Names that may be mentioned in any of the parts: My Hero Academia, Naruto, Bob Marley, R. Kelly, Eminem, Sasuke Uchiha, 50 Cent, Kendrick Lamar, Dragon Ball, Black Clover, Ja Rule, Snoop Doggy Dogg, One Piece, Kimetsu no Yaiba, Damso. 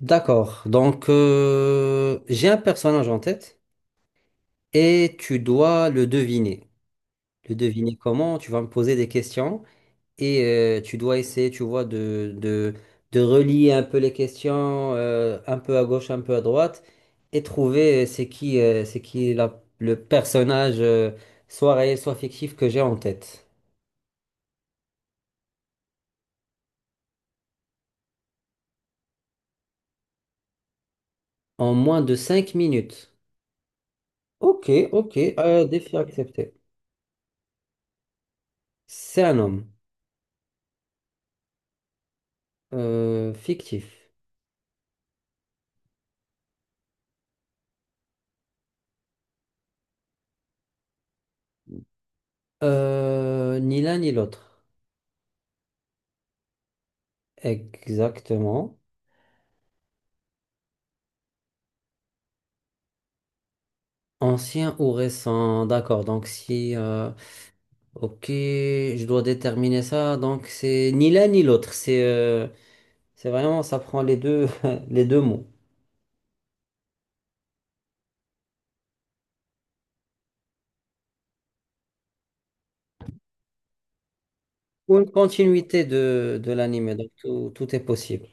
D'accord. Donc, j'ai un personnage en tête et tu dois le deviner. Le deviner comment? Tu vas me poser des questions et tu dois essayer, tu vois, de relier un peu les questions, un peu à gauche, un peu à droite, et trouver c'est qui le personnage, soit réel, soit fictif, que j'ai en tête. En moins de 5 minutes. Ok, ok. Défi accepté. C'est un homme. Fictif. Ni l'un ni l'autre. Exactement. Ancien ou récent, d'accord. Donc si, ok, je dois déterminer ça. Donc c'est ni l'un ni l'autre. C'est vraiment, ça prend les deux, les deux mots. Ou une continuité de l'anime. Donc tout, tout est possible.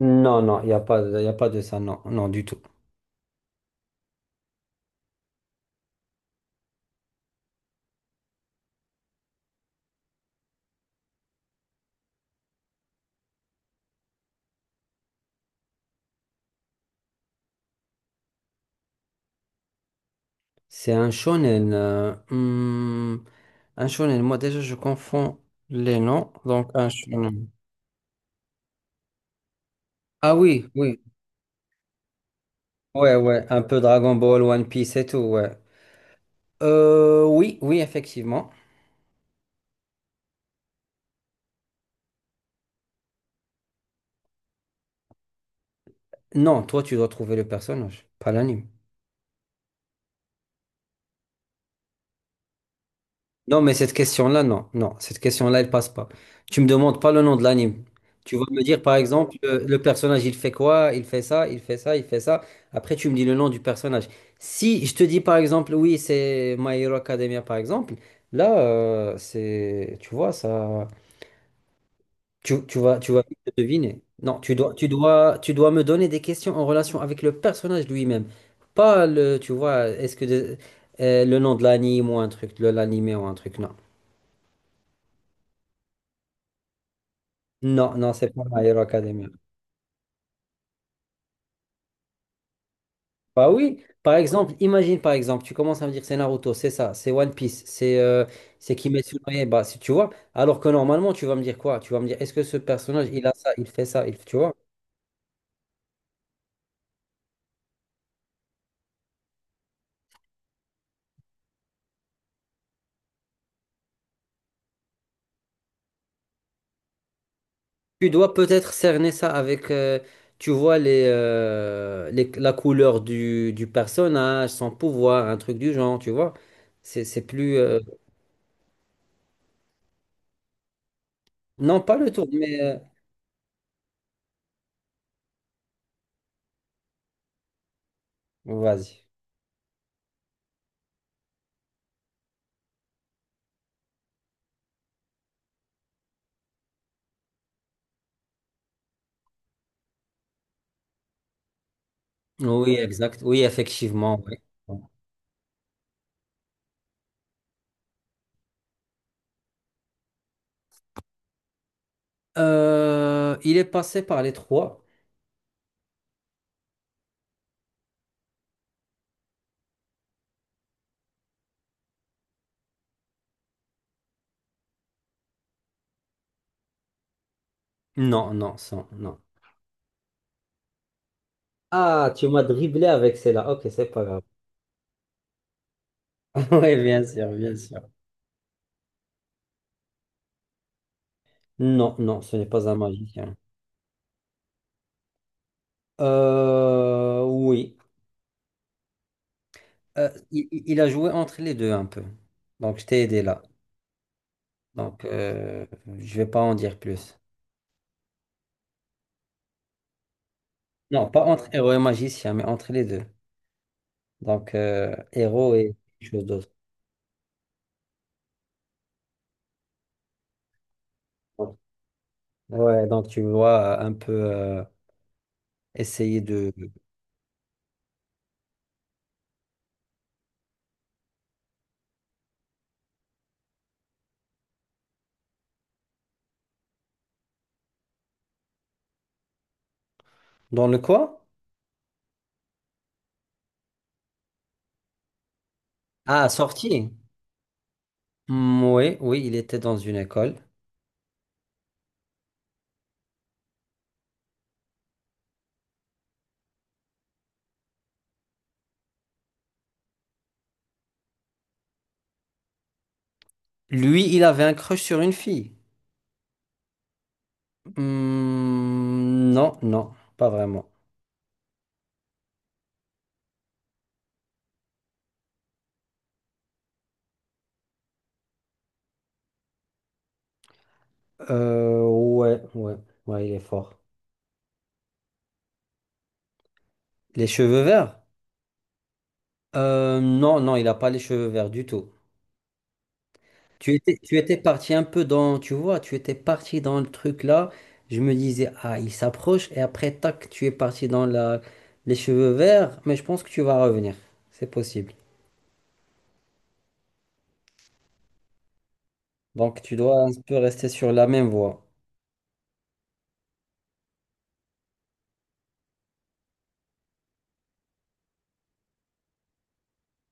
Non, non, il n'y a pas, il a pas de ça. Non, non, du tout. C'est un shonen. Un shonen. Moi déjà, je confonds les noms. Donc un shonen. Ah oui, oui. Ouais, ouais, un peu Dragon Ball, One Piece et tout, ouais. Oui, oui, effectivement. Non, toi, tu dois trouver le personnage, pas l'anime. Non, mais cette question-là, non, non, cette question-là, elle passe pas. Tu me demandes pas le nom de l'anime. Tu vas me dire, par exemple, le personnage, il fait quoi? Il fait ça, il fait ça, il fait ça. Après, tu me dis le nom du personnage. Si je te dis, par exemple, oui, c'est My Hero Academia, par exemple, là, c'est, tu vois, ça. Tu vas, tu vas vite le deviner. Non, tu dois me donner des questions en relation avec le personnage lui-même. Pas le, tu vois, le nom de l'anime ou un truc, de l'anime ou un truc, non. Non, non, c'est pas My Hero Academia. Bah oui, par exemple, imagine par exemple, tu commences à me dire c'est Naruto, c'est ça, c'est One Piece, c'est Kimetsu no Yaiba, si tu vois. Alors que normalement, tu vas me dire quoi? Tu vas me dire est-ce que ce personnage, il a ça, il fait ça, il, tu vois? Tu dois peut-être cerner ça avec, tu vois, la couleur du personnage, son pouvoir, un truc du genre, tu vois. C'est plus... non, pas le tour, mais... vas-y. Oui, exact. Oui, effectivement. Ouais. Il est passé par les 3. Non, non, sans, non. Ah, tu m'as dribblé avec celle-là. Ok, c'est pas grave. Oui, bien sûr, bien sûr. Non, non, ce n'est pas un magicien. Oui. A joué entre les deux un peu. Donc, je t'ai aidé là. Donc, je vais pas en dire plus. Non, pas entre héros et magicien, mais entre les deux. Donc, héros et quelque chose d'autre. Ouais, donc tu vois, un peu essayer de... Dans le quoi? Ah, sorti. Hmm, oui, oui, il était dans une école. Lui, il avait un crush sur une fille. Hmm, non, non, pas vraiment. Ouais, ouais, ouais, il est fort. Les cheveux verts? Non, non, il n'a pas les cheveux verts du tout. Tu étais parti un peu dans, tu vois, tu étais parti dans le truc là. Je me disais, ah, il s'approche, et après, tac, tu es parti dans la, les cheveux verts, mais je pense que tu vas revenir. C'est possible. Donc, tu dois un peu rester sur la même voie.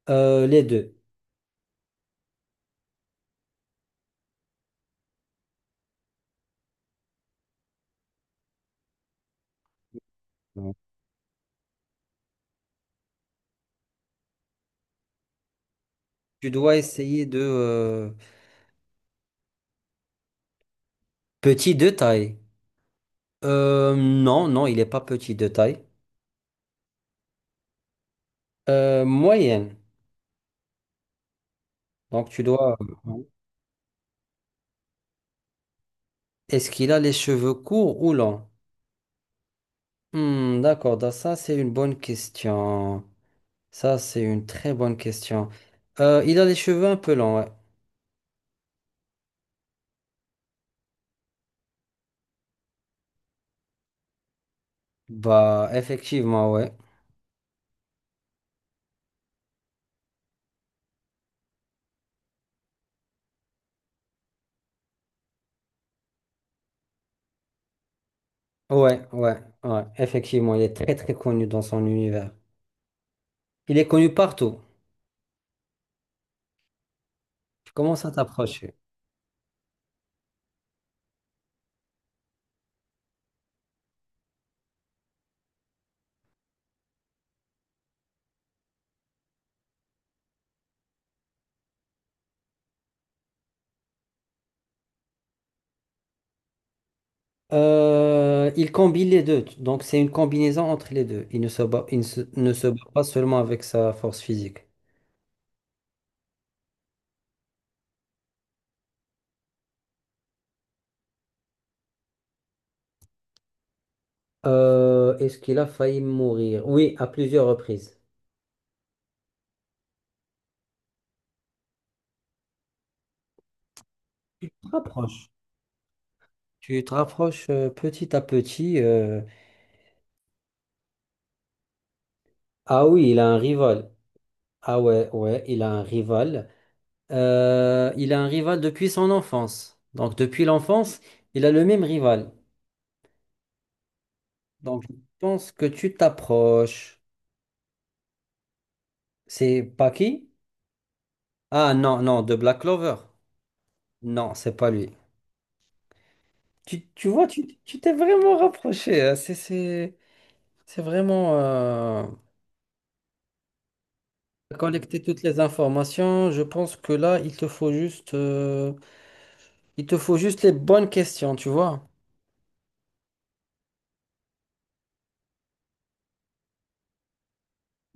Les deux. Ouais. Tu dois essayer de. Petit de taille. Non, non, il n'est pas petit de taille. Moyenne. Donc, tu dois. Est-ce qu'il a les cheveux courts ou longs? Hmm, d'accord, donc ça c'est une bonne question. Ça c'est une très bonne question. Il a les cheveux un peu longs, ouais. Bah, effectivement, ouais. Ouais, ouais, ouais. Effectivement, il est très très connu dans son univers. Il est connu partout. Tu commences à t'approcher. Il combine les deux, donc c'est une combinaison entre les deux. Il ne se bat, il ne se, ne se bat pas seulement avec sa force physique. Est-ce qu'il a failli mourir? Oui, à plusieurs reprises. Tu te rapproches. Tu te rapproches petit à petit. Ah oui, il a un rival. Ah ouais, ouais, il a un rival. Il a un rival depuis son enfance. Donc depuis l'enfance, il a le même rival. Donc je pense que tu t'approches. C'est pas qui? Ah non, non, de Black Clover. Non, c'est pas lui. Tu vois, tu t'es vraiment rapproché. Hein. C'est vraiment collecter toutes les informations. Je pense que là, il te faut juste... Il te faut juste les bonnes questions, tu vois.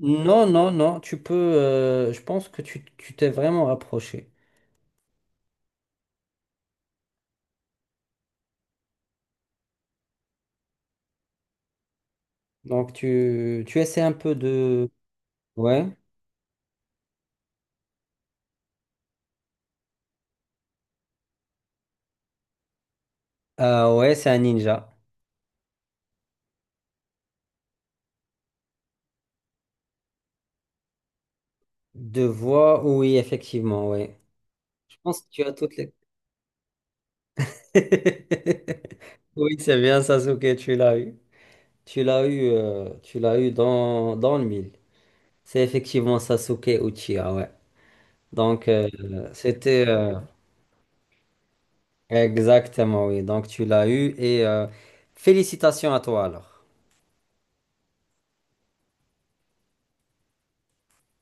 Non, non, non, tu peux. Je pense que tu t'es vraiment rapproché. Donc, tu essaies un peu de. Ouais. Ah, ouais, c'est un ninja. De voix, oui, effectivement, oui. Je pense que tu as toutes les. Oui, c'est bien, Sasuke, tu l'as eu. Tu l'as eu, tu l'as eu dans, dans le mille. C'est effectivement Sasuke Uchiha, ouais. Donc, c'était. Exactement, oui. Donc tu l'as eu et félicitations à toi alors.